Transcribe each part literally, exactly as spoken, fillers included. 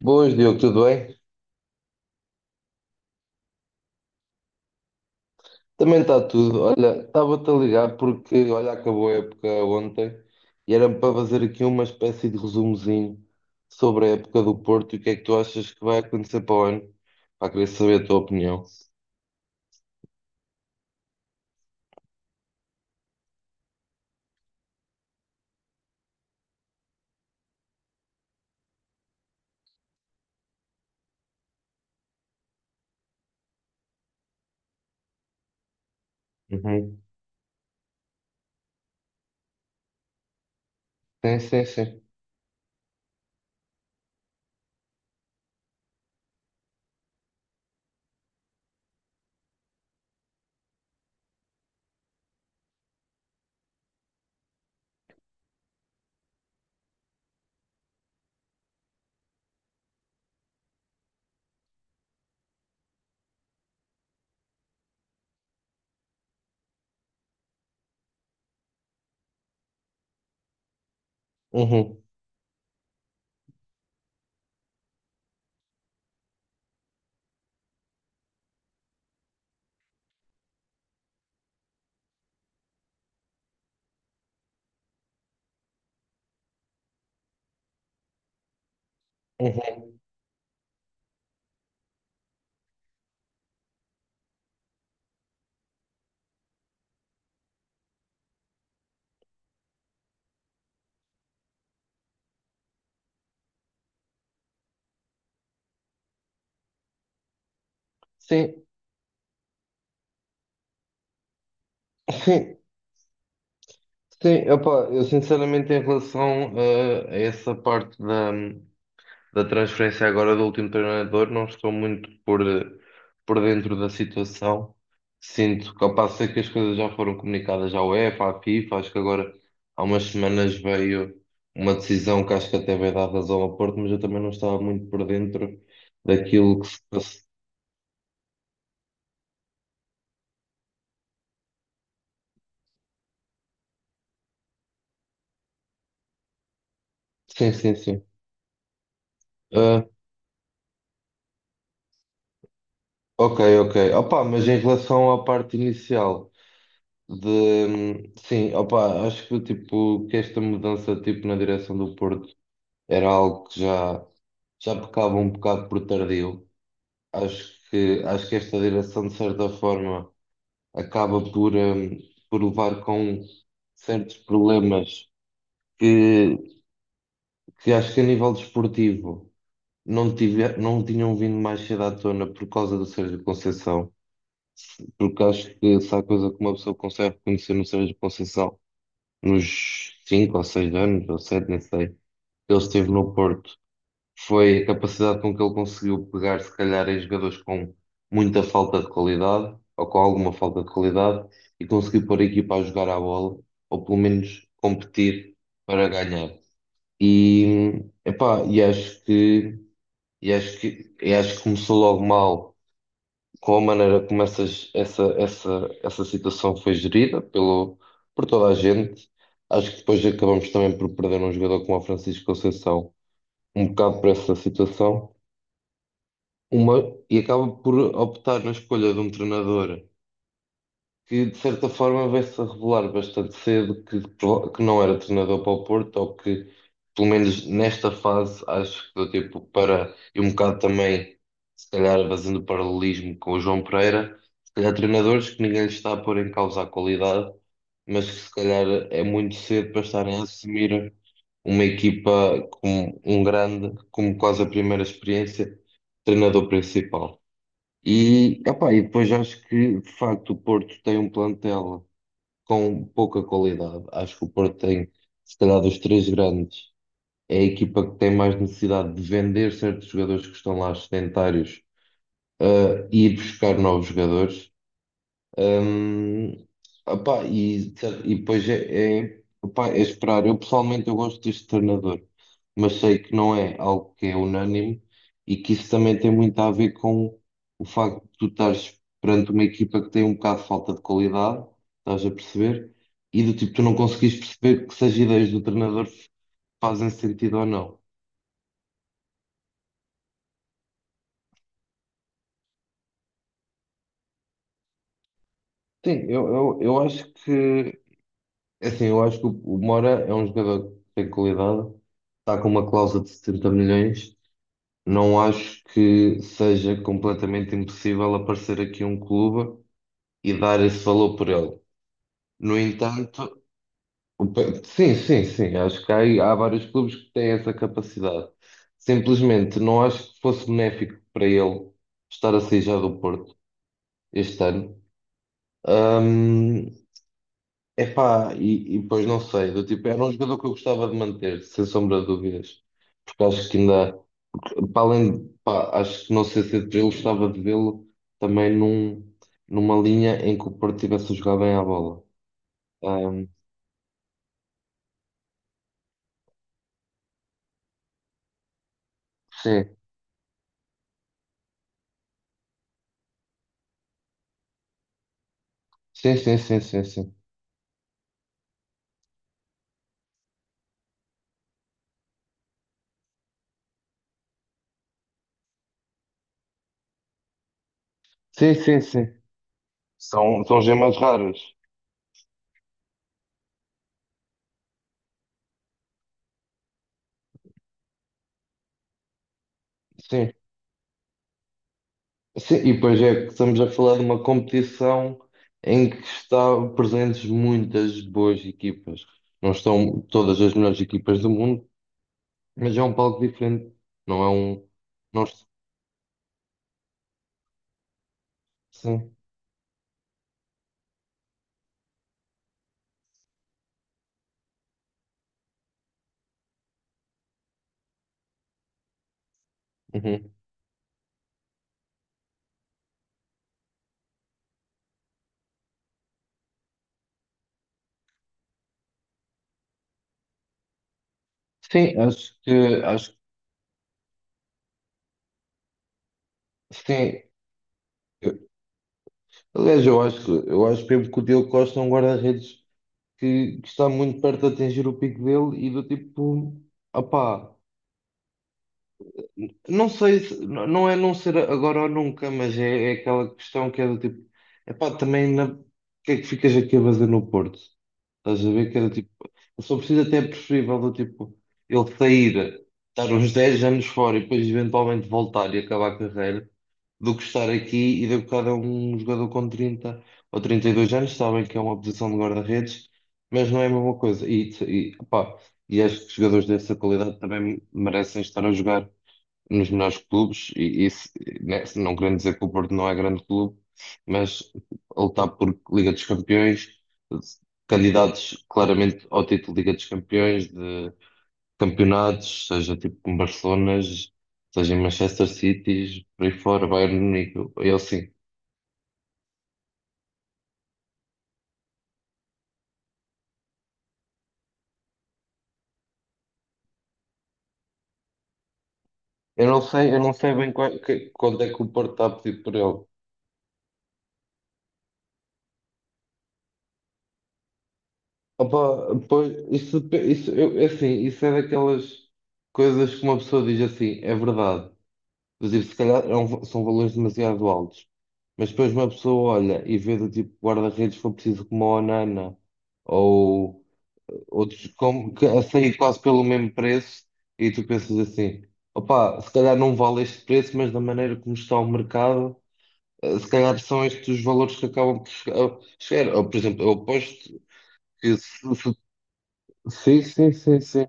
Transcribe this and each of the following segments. Boas, Diogo, tudo bem? Também está tudo. Olha, estava-te a ligar porque, olha, acabou a época ontem e era para fazer aqui uma espécie de resumozinho sobre a época do Porto e o que é que tu achas que vai acontecer para o ano. Para querer saber a tua opinião. Uhum. Sim, sim, sim. Uhum. Uhum. Sim, sim, sim. Opa, eu sinceramente em relação eh, a essa parte da, da transferência agora do último treinador, não estou muito por, eh, por dentro da situação. Sinto que ao passo sei que as coisas já foram comunicadas à UEFA, à FIFA, acho que agora há umas semanas veio uma decisão que acho que até vai dar razão ao Porto, mas eu também não estava muito por dentro daquilo que se passa. Sim, sim, sim. Ah, ok, ok. Opa, mas em relação à parte inicial de sim, opa, acho que tipo que esta mudança tipo na direção do Porto era algo que já já pecava um bocado por tardio. Acho que, acho que esta direção, de certa forma, acaba por, hum, por levar com certos problemas que, que acho que a nível desportivo não, tive, não tinham vindo mais cedo à tona por causa do Sérgio Conceição, porque acho que se há coisa que uma pessoa consegue reconhecer no Sérgio Conceição nos cinco ou seis anos, ou sete nem sei, que ele esteve no Porto foi a capacidade com que ele conseguiu pegar, se calhar, em jogadores com muita falta de qualidade, ou com alguma falta de qualidade, e conseguiu pôr a equipa a jogar à bola, ou pelo menos competir para ganhar. E, epá, e acho que, e acho que, e acho que começou logo mal com a maneira como essas, essa, essa, essa situação foi gerida pelo, por toda a gente. Acho que depois acabamos também por perder um jogador como o Francisco Conceição, um bocado por essa situação. uma, e acaba por optar na escolha de um treinador que, de certa forma, vai-se a revelar bastante cedo que, prova- que não era treinador para o Porto, ou que, pelo menos nesta fase, acho que deu tempo para, e um bocado também, se calhar, fazendo paralelismo com o João Pereira, se calhar treinadores que ninguém lhes está a pôr em causa a qualidade, mas que, se calhar, é muito cedo para estarem a assumir uma equipa com um grande, como quase a primeira experiência, treinador principal. E, epá, e depois acho que, de facto, o Porto tem um plantel com pouca qualidade. Acho que o Porto tem, se calhar, dos três grandes, é a equipa que tem mais necessidade de vender certos jogadores que estão lá sedentários, eh, e ir buscar novos jogadores. Hum, opá, e, e depois é, é, opá, é esperar. Eu pessoalmente eu gosto deste treinador, mas sei que não é algo que é unânime e que isso também tem muito a ver com o facto de tu estares perante uma equipa que tem um bocado de falta de qualidade, estás a perceber? E do tipo, tu não conseguires perceber que se as ideias do treinador fazem sentido ou não. Sim, eu, eu, eu acho que é assim, eu acho que o o Mora é um jogador que tem qualidade, está com uma cláusula de setenta milhões. Não acho que seja completamente impossível aparecer aqui um clube e dar esse valor por ele. No entanto, o Pe- sim, sim, sim, acho que há, aí- há vários clubes que têm essa capacidade. Simplesmente não acho que fosse benéfico para ele estar a sair já do Porto este ano. Epá, e, e pois não sei, do tipo, era um jogador que eu gostava de manter, sem sombra de dúvidas, porque acho que ainda, para além de, pá, acho que não sei se eu gostava de vê-lo também num, numa linha em que o Porto tivesse a jogar bem à bola. Ahm, sim, sim, sim, sim, sim, sim, sim, sim, sim, são, são gemas raras, sim, sim, e pois é que estamos a falar de uma competição em que estão presentes muitas boas equipas. Não estão todas as melhores equipas do mundo, mas é um palco diferente, não é um. Não, sim. Uhum. Sim, acho que acho que sim. Eu- Aliás, eu acho, que- eu acho mesmo que o Diogo Costa é um guarda-redes que, que está muito perto de atingir o pico dele e do tipo, opá, não sei se não não é não ser agora ou nunca, mas é, é aquela questão que é do tipo, epá, também na, o que é que ficas aqui a fazer no Porto? Estás a ver que era tipo. Eu só preciso até preferível do tipo ele sair, estar uns dez anos fora e depois eventualmente voltar e acabar a carreira, do que estar aqui e de bocado é um jogador com trinta ou trinta e dois anos, sabem que é uma posição de guarda-redes, mas não é a mesma coisa. E, e, pá, e acho que jogadores dessa qualidade também merecem estar a jogar nos melhores clubes, e isso, né, não querendo dizer que o Porto não é grande clube, mas a lutar por Liga dos Campeões, candidatos claramente ao título de Liga dos Campeões, de campeonatos, seja tipo com Barcelonas, seja em Manchester City, por aí fora, Bayern de Munique, eu sim. Eu não sei, eu não sei bem qua- que- quando é que o Porto está a pedir por ele. Opa, pois, isso, depe- isso, eu, é assim, isso é daquelas coisas que uma pessoa diz assim, é verdade. Inclusive, se calhar é um- são valores demasiado altos. Mas depois uma pessoa olha e vê do tipo guarda-redes, se for preciso, como a Onana ou outros como, que a sair quase pelo mesmo preço, e tu pensas assim: opá, se calhar não vale este preço, mas da maneira como está o mercado, eh, se calhar são estes os valores que acabam por chegar. eh, chegar. Ou, por exemplo, eu aposto que se, se- sim, sim, sim, sim.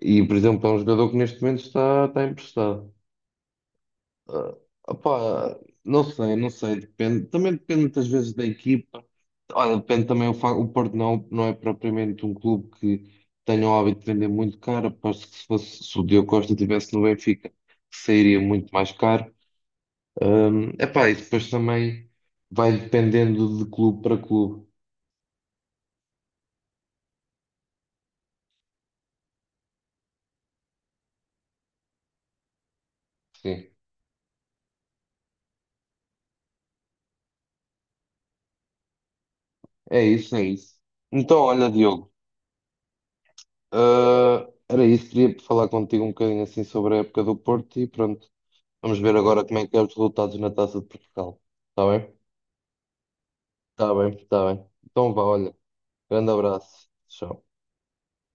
E, por exemplo, é um jogador que neste momento está, está emprestado. Ah, opá, não sei, não sei, depende. Também depende muitas vezes da equipa. Olha, depende também o, fa- o Porto não, não é propriamente um clube que tenha o hábito de vender muito caro. Aposto que se fosse, se o Diogo Costa estivesse no Benfica, sairia muito mais caro. Hum, epá, e depois também vai dependendo de clube para clube. Sim, é isso, é isso. Então, olha, Diogo, ah, era isso, queria falar contigo um bocadinho assim sobre a época do Porto e pronto. Vamos ver agora como é que é os resultados na Taça de Portugal. Está bem? Está bem, está bem. Então vá, olha. Grande abraço. Tchau.